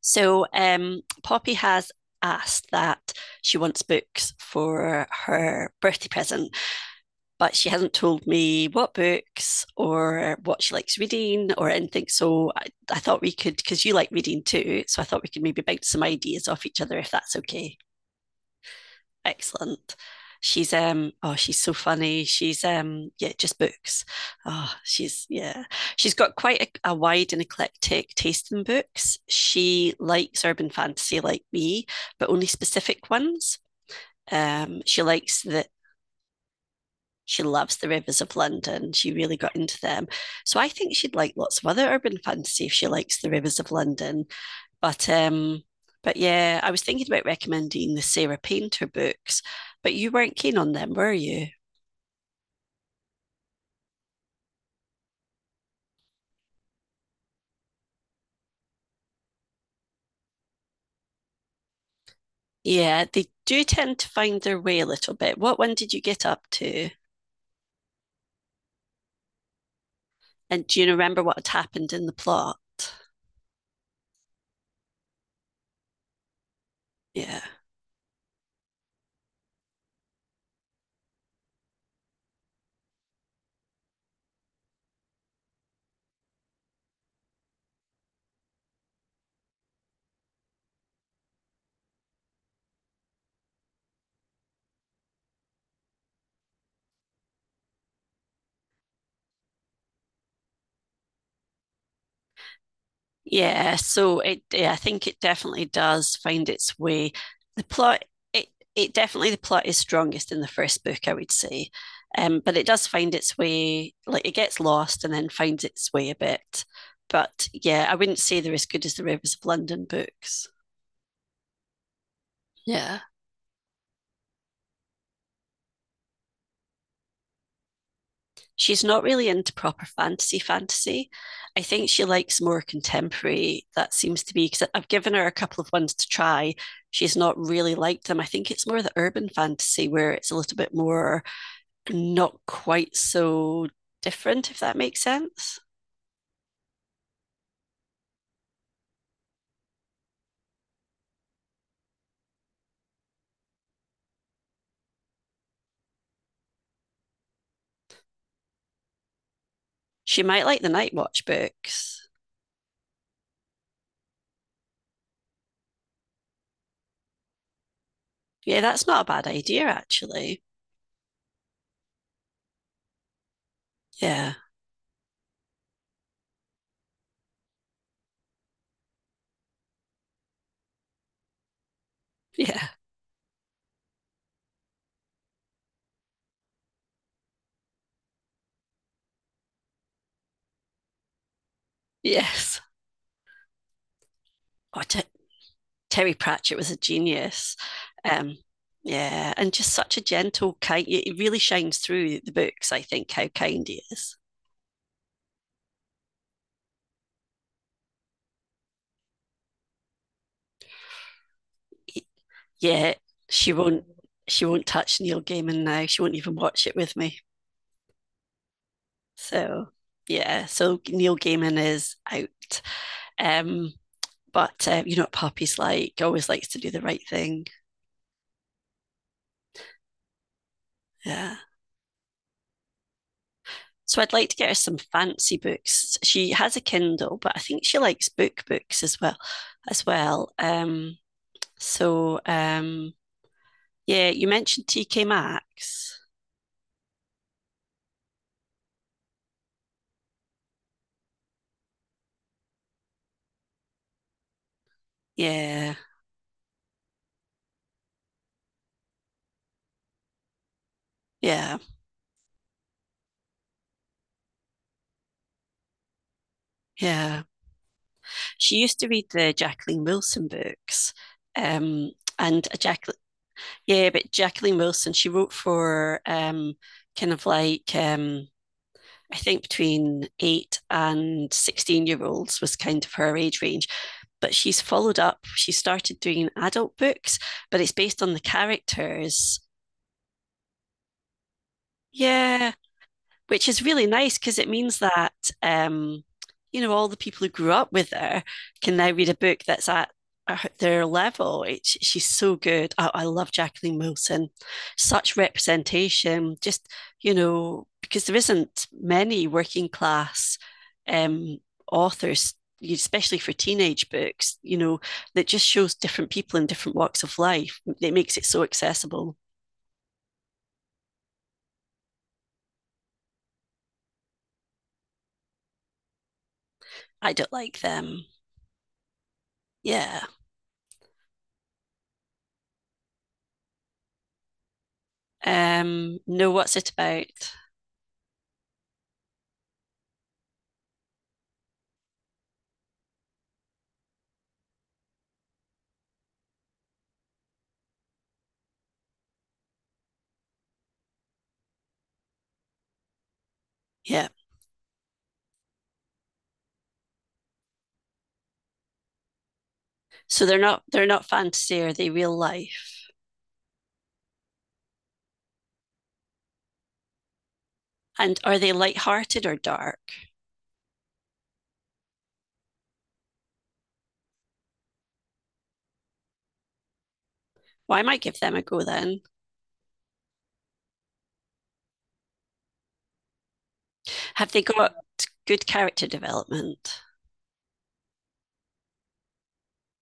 So Poppy has asked that she wants books for her birthday present, but she hasn't told me what books or what she likes reading or anything. So I thought we could, because you like reading too, so I thought we could maybe bounce some ideas off each other if that's okay. Excellent. She's oh she's so funny. She's yeah just books. Oh she's yeah she's got quite a wide and eclectic taste in books. She likes urban fantasy like me, but only specific ones. Um, she likes the she loves the Rivers of London. She really got into them. So I think she'd like lots of other urban fantasy if she likes the Rivers of London. But um, but yeah, I was thinking about recommending the Sarah Painter books, but you weren't keen on them, were you? Yeah, they do tend to find their way a little bit. What one did you get up to? And do you remember what had happened in the plot? Yeah. Yeah, so yeah, I think it definitely does find its way. The plot, it it definitely The plot is strongest in the first book, I would say, but it does find its way. Like it gets lost and then finds its way a bit. But yeah, I wouldn't say they're as good as the Rivers of London books. Yeah. She's not really into proper fantasy fantasy. I think she likes more contemporary. That seems to be because I've given her a couple of ones to try. She's not really liked them. I think it's more the urban fantasy where it's a little bit more not quite so different, if that makes sense. She might like the Night Watch books. Yeah, that's not a bad idea, actually. Yeah, yeah, yes. Oh, I, d- Terry Pratchett was a genius. Um, yeah, and just such a gentle, kind. It really shines through the books. I think how kind he is. Yeah, she won't. She won't touch Neil Gaiman now. She won't even watch it with me. So yeah, so Neil Gaiman is out. Um, but you know what Poppy's like. Always likes to do the right thing. Yeah. So I'd like to get her some fancy books. She has a Kindle, but I think she likes book books as well. So, yeah, you mentioned TK Maxx. Yeah, yeah, yeah. She used to read the Jacqueline Wilson books. Um, and a Jacqueline, yeah, but Jacqueline Wilson, she wrote for kind of like, I think between eight and 16-year-olds was kind of her age range. But she started doing adult books, but it's based on the characters. Yeah, which is really nice because it means that um, you know all the people who grew up with her can now read a book that's at their level. She's so good. I love Jacqueline Wilson. Such representation. Just you know because there isn't many working class um, authors especially for teenage books, you know, that just shows different people in different walks of life. It makes it so accessible. I don't like them. Yeah. Know what's it about. Yeah. So they're not fantasy, are they real life? And are they lighthearted or dark? Well, I might give them a go then. Have they got good character development?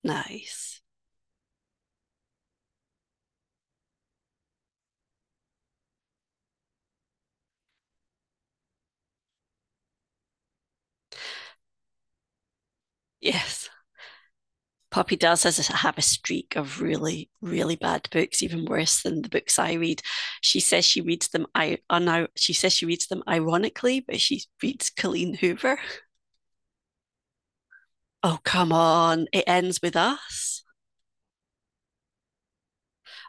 Nice. Yes. Poppy have a streak of really, really bad books, even worse than the books I read. She says she reads them. She says she reads them ironically, but she reads Colleen Hoover. Oh come on! It ends with us.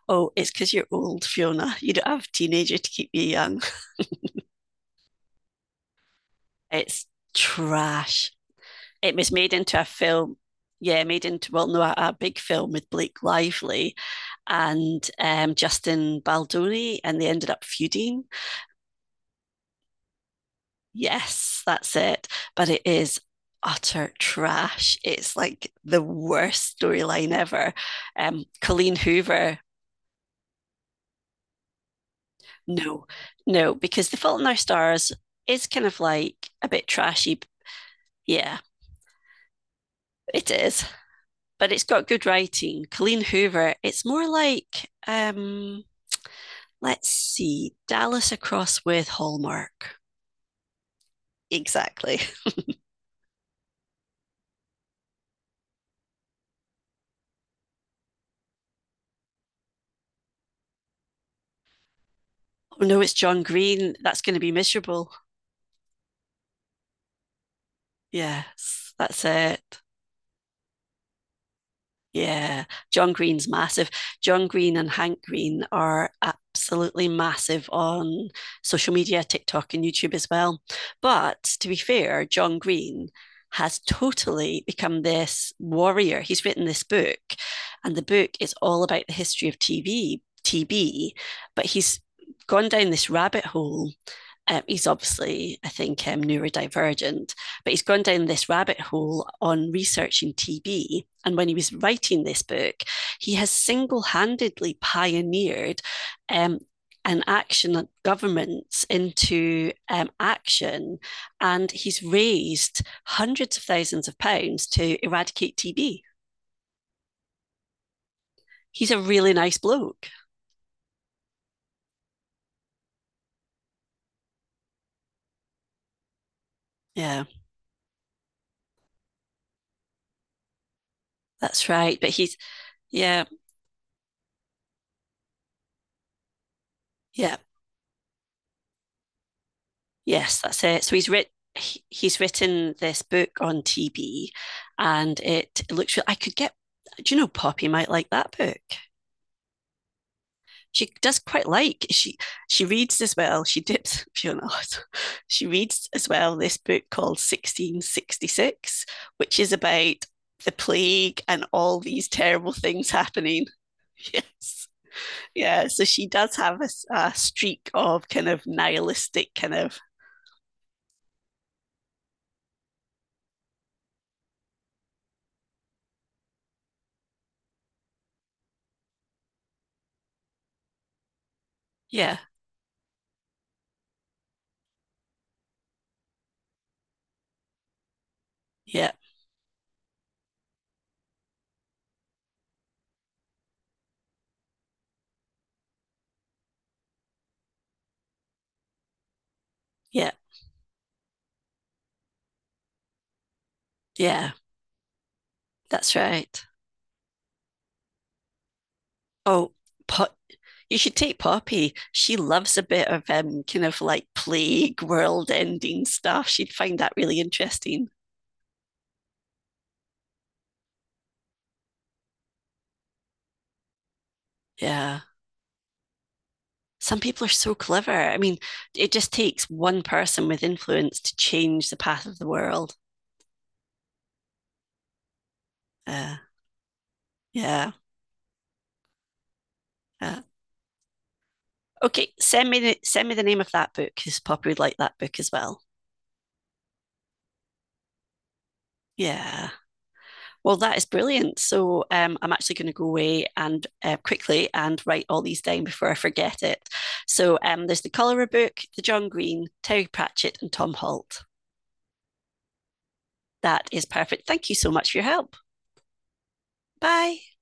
Oh, it's because you're old, Fiona. You don't have a teenager to keep you young. It's trash. It was made into a film. Yeah, made into well, no, a big film with Blake Lively and Justin Baldoni, and they ended up feuding. Yes, that's it. But it is utter trash. It's like the worst storyline ever. Um, Colleen Hoover, no, no, because The Fault in Our Stars is kind of like a bit trashy. Yeah, it is, but it's got good writing. Colleen Hoover. It's more like, let's see, Dallas across with Hallmark. Exactly. Oh no, it's John Green. That's going to be miserable. Yes, that's it. Yeah, John Green's massive. John Green and Hank Green are absolutely massive on social media, TikTok, and YouTube as well. But to be fair, John Green has totally become this warrior. He's written this book, and the book is all about the history of TB, but he's gone down this rabbit hole he's obviously, I think, neurodivergent, but he's gone down this rabbit hole on researching TB. And when he was writing this book, he has single handedly pioneered um, an action at governments into action. And he's raised hundreds of thousands of pounds to eradicate TB. He's a really nice bloke. Yeah, that's right. But he's, yeah, yeah. Yes, that's it. He's written this book on TB, and it looks. I could get. Do you know Poppy might like that book. She does quite like she reads as well. She dips. She reads as well this book called 1666, which is about the plague and all these terrible things happening. Yes, yeah. So she does have a streak of kind of nihilistic kind of Yeah, yeah, yeah, yeah. That's right. Oh, Pop, you should take Poppy. She loves a bit of kind of like plague, world-ending stuff. She'd find that really interesting. Yeah. Some people are so clever. I mean, it just takes one person with influence to change the path of the world. Uh, yeah. Uh, okay, send me the name of that book because Poppy would like that book as well. Yeah. Well, that is brilliant. So I'm actually going to go away and quickly and write all these down before I forget it. So there's the Cholera book, the John Green, Terry Pratchett, and Tom Holt. That is perfect. Thank you so much for your help. Bye.